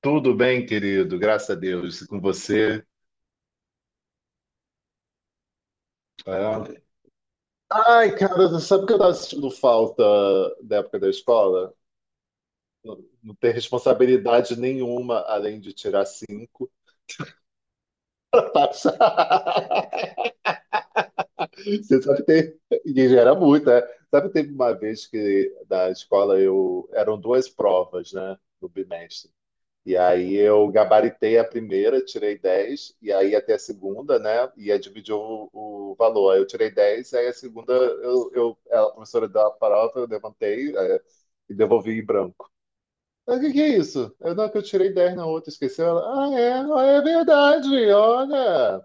Tudo bem, querido, graças a Deus. E com você? É. Ai, cara, você sabe que eu tava sentindo falta da época da escola? Não ter responsabilidade nenhuma além de tirar cinco. Passa. Você sabe que tem. E gera muito, né? Sabe que teve uma vez que da escola eu. Eram duas provas, né? No bimestre. E aí eu gabaritei a primeira, tirei 10 e aí até a segunda, né? Ia dividir o valor. Aí eu tirei 10 aí a segunda, a professora da farofa, eu levantei e devolvi em branco. Mas o que é isso? Eu, não, é que eu tirei 10 na outra, esqueceu? Ela, ah, é verdade, olha.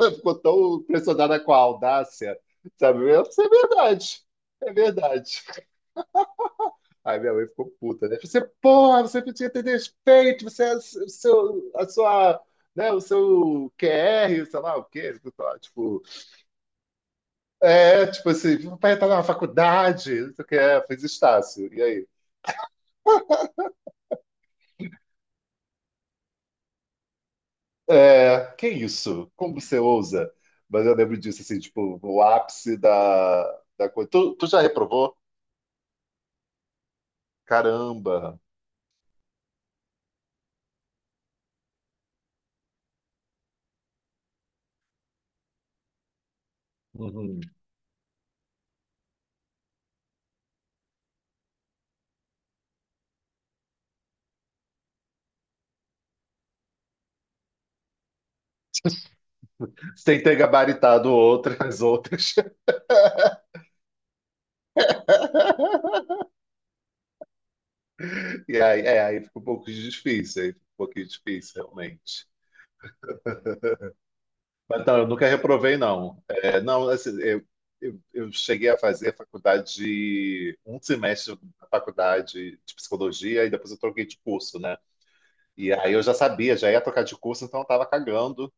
Ficou tão impressionada com a audácia, sabe? Eu, isso é verdade, é verdade. Aí minha mãe ficou puta, né? Você, porra, você precisa ter respeito, você é o seu, a sua, né, o seu QR, sei lá o quê, tipo, é, tipo assim, meu pai tá na faculdade, não sei o que é, fez Estácio, e aí? É, que isso? Como você ousa? Mas eu lembro disso, assim, tipo, no ápice da coisa. Tu já reprovou? Caramba! Uhum. Sem ter gabaritado outras. E aí, é, aí fica um pouco difícil, aí fica um pouquinho difícil, realmente. Mas não, eu nunca reprovei, não. É, não, assim, eu cheguei a fazer faculdade de um semestre na faculdade de psicologia e depois eu troquei de curso, né? E aí eu já sabia, já ia trocar de curso, então eu tava cagando.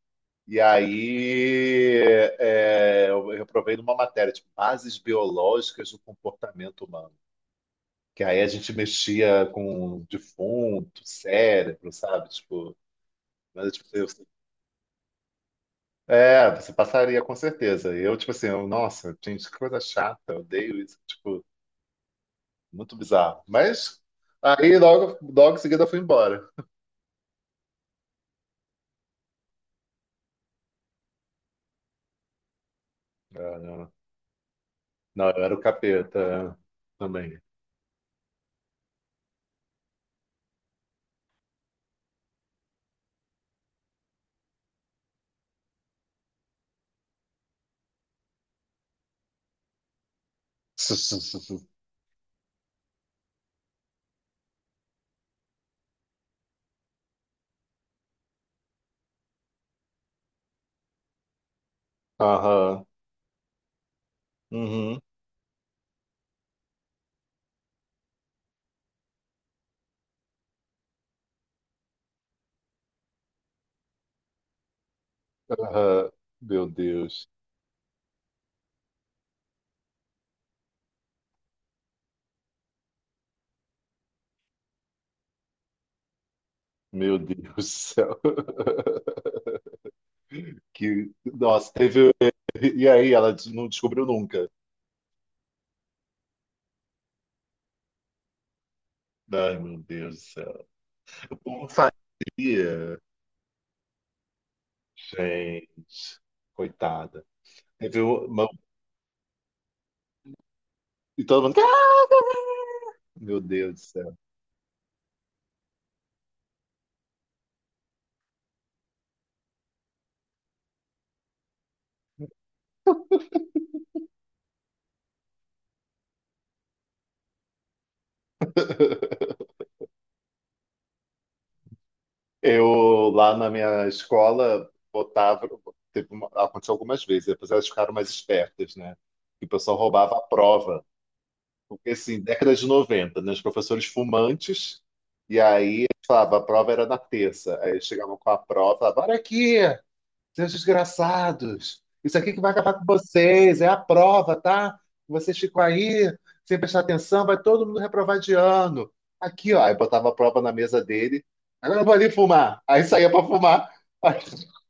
E aí eu reprovei numa matéria, tipo, bases biológicas do comportamento humano. Que aí a gente mexia com defunto, cérebro, sabe? Tipo, mas, tipo, eu é, você passaria com certeza. E eu, tipo assim, eu, nossa, gente, que coisa chata, eu odeio isso, tipo, muito bizarro. Mas aí logo em seguida eu fui embora. É, não, não, eu era o capeta também. Aham, uhum, aham. Meu Deus, meu Deus do céu. Que, nossa, teve. E aí, ela não descobriu nunca. Ai, meu Deus do céu. Como fazia? Gente, coitada. Teve uma... E todo mundo meu Deus do céu. Eu, lá na minha escola, botava. Teve uma- aconteceu algumas vezes, depois elas ficaram mais espertas, né? Que o pessoal roubava a prova. Porque, assim, década de 90 né? Os professores fumantes, e aí falava, a prova era na terça. Aí eles chegavam com a prova, falavam, olha aqui! Seus desgraçados, isso aqui que vai acabar com vocês, é a prova, tá? Vocês ficam aí sem prestar atenção, vai todo mundo reprovar de ano. Aqui, ó, aí botava a prova na mesa dele. Agora eu vou ali fumar. Aí saía pra fumar.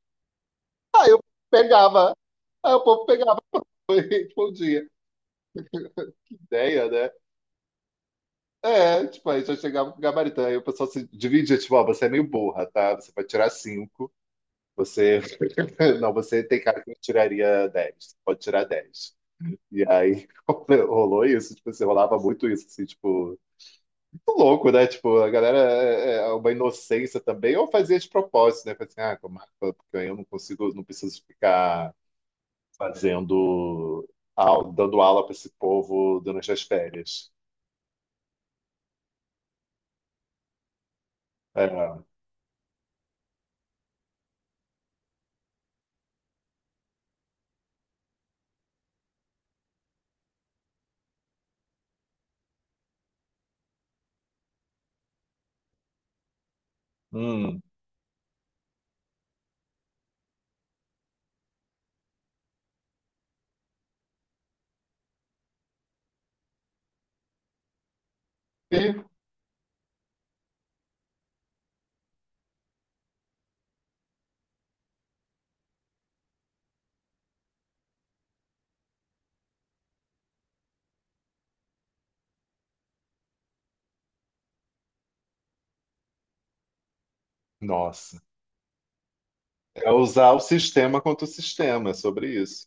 Aí eu pegava. Aí o povo pegava e respondia. Ideia, né? É, tipo, aí já chegava com o gabarito. Aí o pessoal se dividia, tipo, ó, você é meio burra, tá? Você vai tirar cinco. Você. Não, você tem cara que tiraria 10, pode tirar 10. E aí rolou isso, tipo, assim, rolava muito isso, assim, tipo, muito louco, né? Tipo, a galera é uma inocência também, ou fazia de propósito, né? Falei assim, ah, como é que eu- porque eu não consigo, não preciso ficar fazendo, au- dando aula para esse povo durante as férias. É, hum. E, nossa, é usar o sistema contra o sistema, é sobre isso.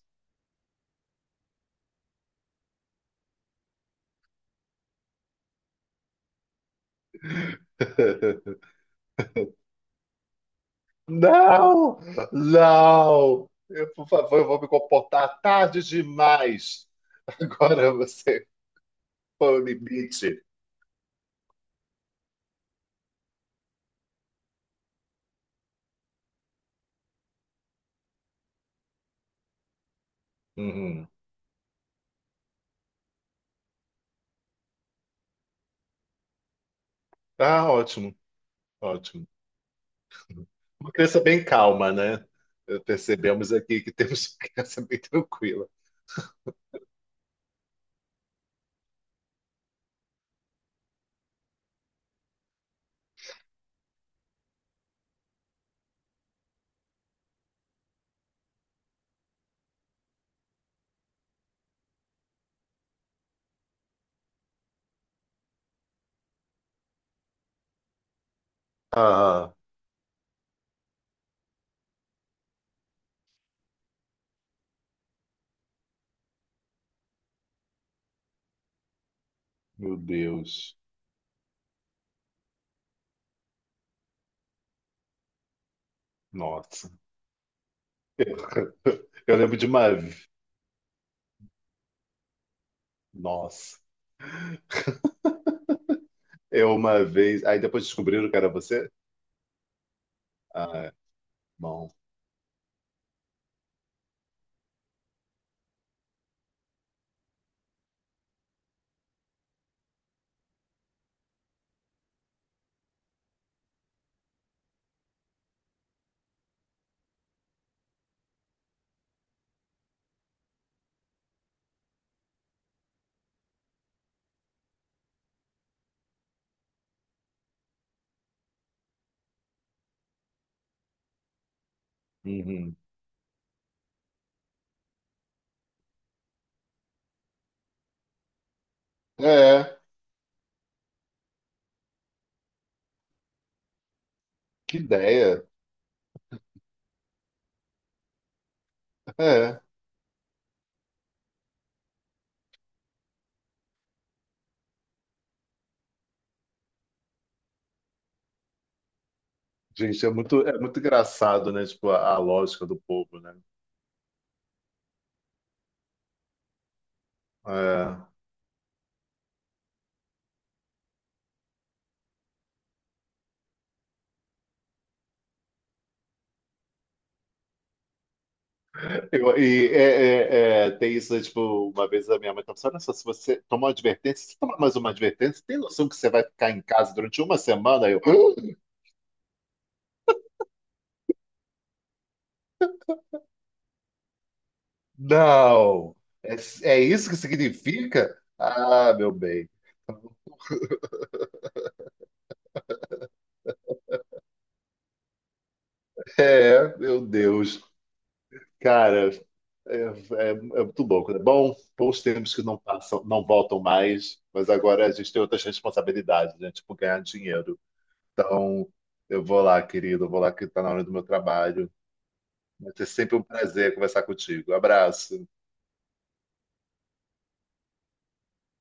Não, não, eu, por favor, eu vou me comportar tarde demais. Agora você foi o limite. Uhum. Ah, ótimo, ótimo. Uma criança bem calma, né? Eh, percebemos aqui que temos uma criança bem tranquila. Ah, meu Deus. Nossa. Eu lembro de uma. Nossa. Eu uma vez. Aí depois descobriram que era você? Ah, bom. Uhum. É, que ideia. É. Gente, é muito engraçado, né? Tipo, a lógica do povo, né? É. E é, tem isso, né, tipo, uma vez a minha mãe falou assim, olha só, se você tomar uma advertência, se você tomar mais uma advertência, tem noção que você vai ficar em casa durante uma semana? Aí eu, "Ah, não! É, é isso que significa? Ah, meu bem. É, meu Deus. Cara, é muito bom. É bom, bons tempos que não passam, não voltam mais, mas agora a gente tem outras responsabilidades, né? Tipo, ganhar dinheiro. Então, eu vou lá, querido, eu vou lá que tá na hora do meu trabalho. Vai ser sempre um prazer conversar contigo. Abraço.